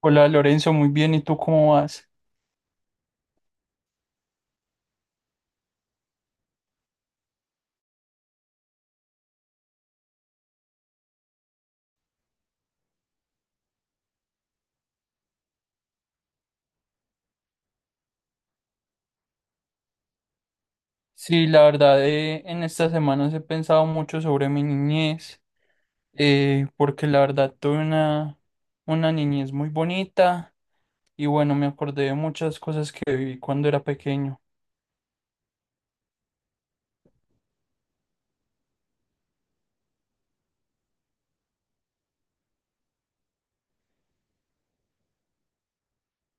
Hola Lorenzo, muy bien, ¿y tú cómo vas? Sí, la verdad, en estas semanas he pensado mucho sobre mi niñez, porque la verdad tuve una niñez muy bonita y bueno, me acordé de muchas cosas que viví cuando era pequeño.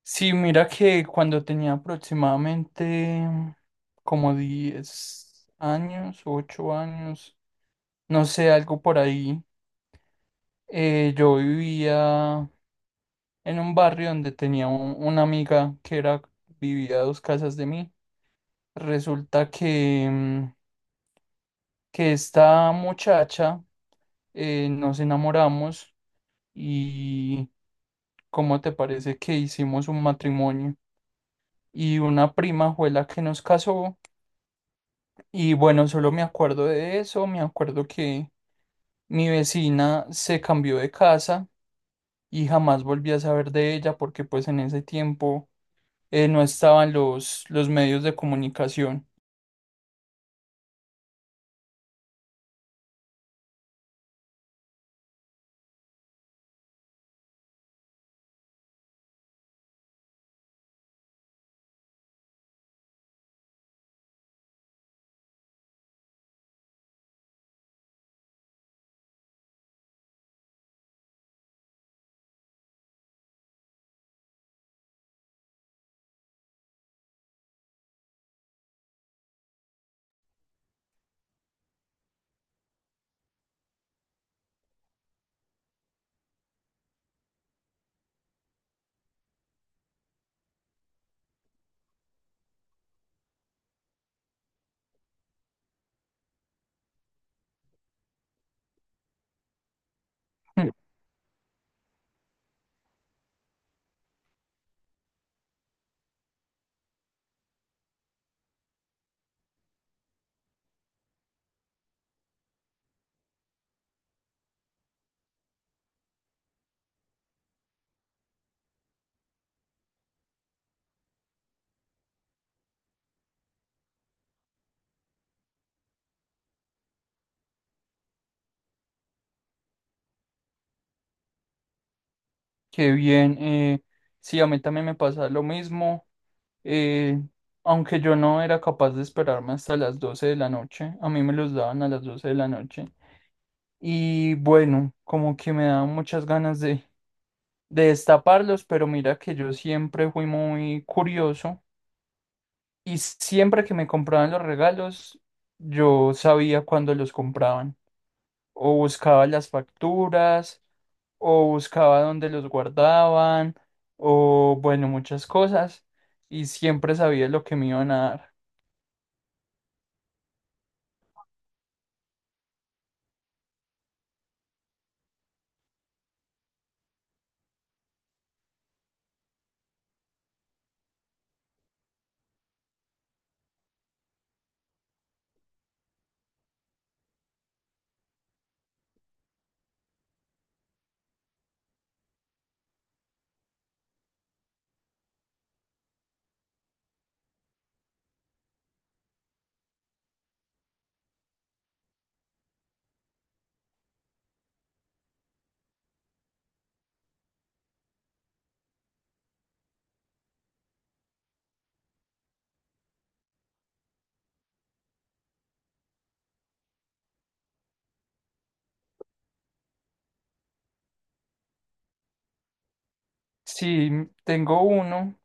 Sí, mira que cuando tenía aproximadamente mm, como 10 años, 8 años, no sé, algo por ahí, yo vivía en un barrio donde tenía una amiga que era, vivía a dos casas de mí. Resulta que, que esta muchacha nos enamoramos y ¿cómo te parece que hicimos un matrimonio? Y una prima fue la que nos casó y bueno, solo me acuerdo de eso, me acuerdo que mi vecina se cambió de casa y jamás volví a saber de ella porque pues en ese tiempo, no estaban los medios de comunicación. Qué bien. Sí, a mí también me pasa lo mismo. eh, Aunque yo no era capaz de esperarme hasta las 12 de la noche, a mí me los daban a las 12 de la noche. Y bueno, como que me daban muchas ganas de destaparlos, pero mira que yo siempre fui muy curioso y siempre que me compraban los regalos, yo sabía cuándo los compraban. O buscaba las facturas, o buscaba dónde los guardaban, o bueno, muchas cosas, y siempre sabía lo que me iban a dar. Sí, tengo uno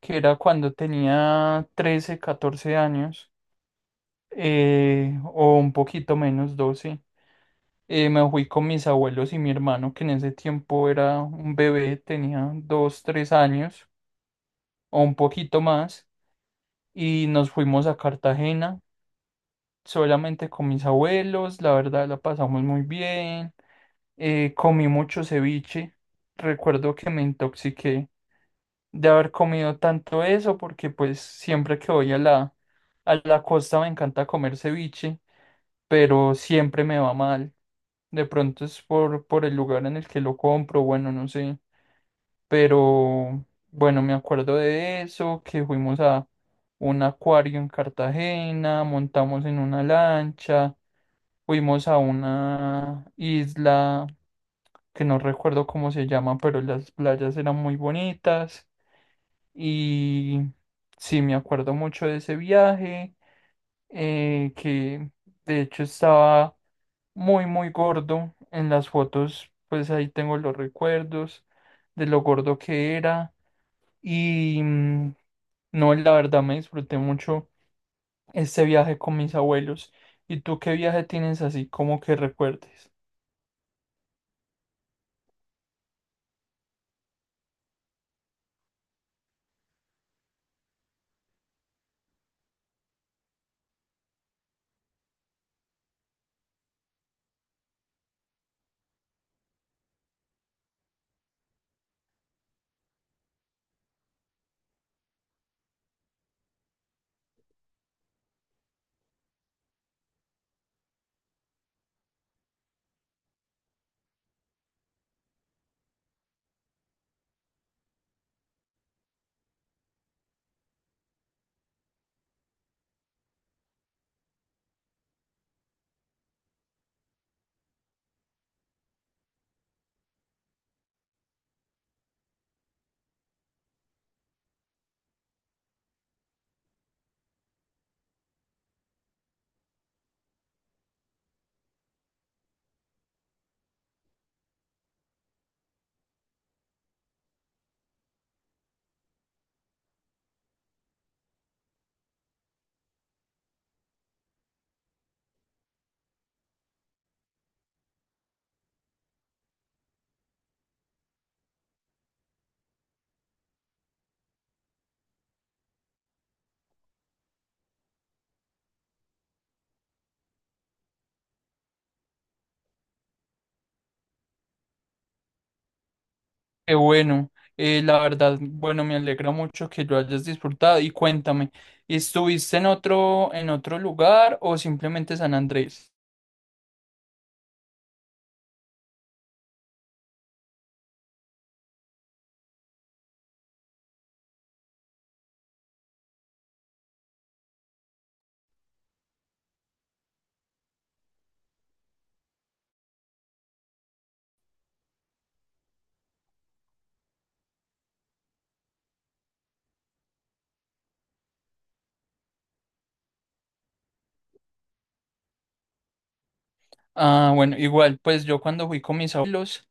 que era cuando tenía 13, 14 años, o un poquito menos, 12. Me fui con mis abuelos y mi hermano, que en ese tiempo era un bebé, tenía 2, 3 años, o un poquito más, y nos fuimos a Cartagena solamente con mis abuelos, la verdad la pasamos muy bien. Comí mucho ceviche. Recuerdo que me intoxiqué de haber comido tanto eso porque pues siempre que voy a a la costa me encanta comer ceviche, pero siempre me va mal. De pronto es por el lugar en el que lo compro, bueno, no sé. Pero bueno, me acuerdo de eso, que fuimos a un acuario en Cartagena, montamos en una lancha. Fuimos a una isla que no recuerdo cómo se llama, pero las playas eran muy bonitas y sí, me acuerdo mucho de ese viaje, que de hecho estaba muy, muy gordo en las fotos, pues ahí tengo los recuerdos de lo gordo que era y no, la verdad me disfruté mucho este viaje con mis abuelos. ¿Y tú qué viaje tienes así como que recuerdes? Qué bueno, la verdad, bueno, me alegra mucho que lo hayas disfrutado y cuéntame, ¿estuviste en otro lugar o simplemente San Andrés? Ah, bueno, igual, pues yo cuando fui con mis abuelos,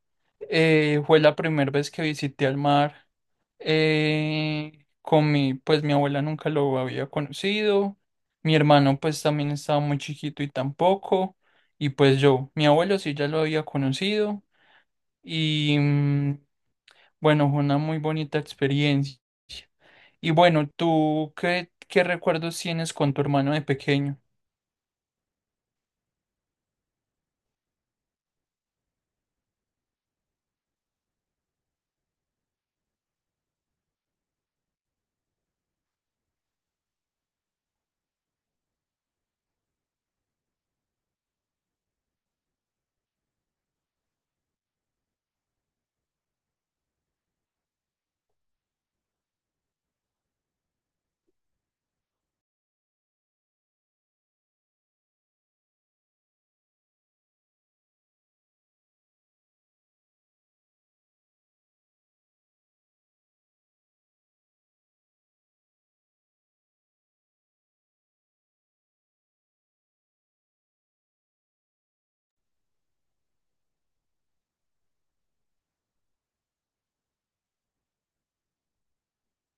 fue la primera vez que visité al mar, con mi, pues mi abuela nunca lo había conocido, mi hermano pues también estaba muy chiquito y tampoco, y pues yo, mi abuelo sí ya lo había conocido. Y, bueno, fue una muy bonita experiencia. Y bueno, ¿tú qué, qué recuerdos tienes con tu hermano de pequeño?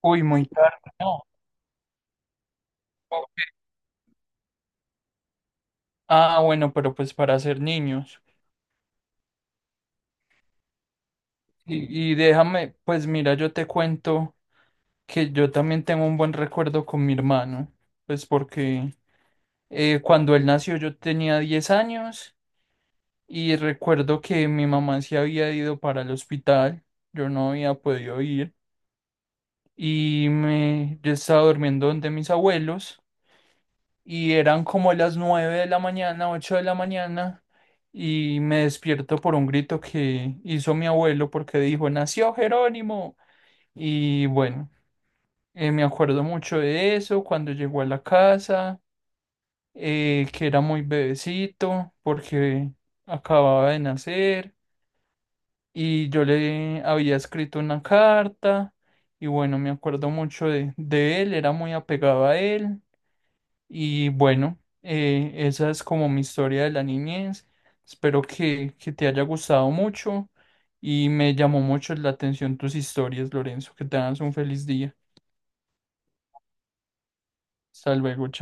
Uy, muy tarde, no. Ah, bueno, pero pues para ser niños. Déjame, pues mira, yo te cuento que yo también tengo un buen recuerdo con mi hermano, pues porque cuando él nació yo tenía 10 años y recuerdo que mi mamá se había ido para el hospital, yo no había podido ir. Y me, yo estaba durmiendo donde mis abuelos y eran como las 9 de la mañana, 8 de la mañana y me despierto por un grito que hizo mi abuelo porque dijo, nació Jerónimo. Y bueno, me acuerdo mucho de eso cuando llegó a la casa, que era muy bebecito porque acababa de nacer y yo le había escrito una carta. Y bueno, me acuerdo mucho de él, era muy apegado a él. Y bueno, esa es como mi historia de la niñez. Espero que te haya gustado mucho y me llamó mucho la atención tus historias, Lorenzo. Que tengas un feliz día. Hasta luego.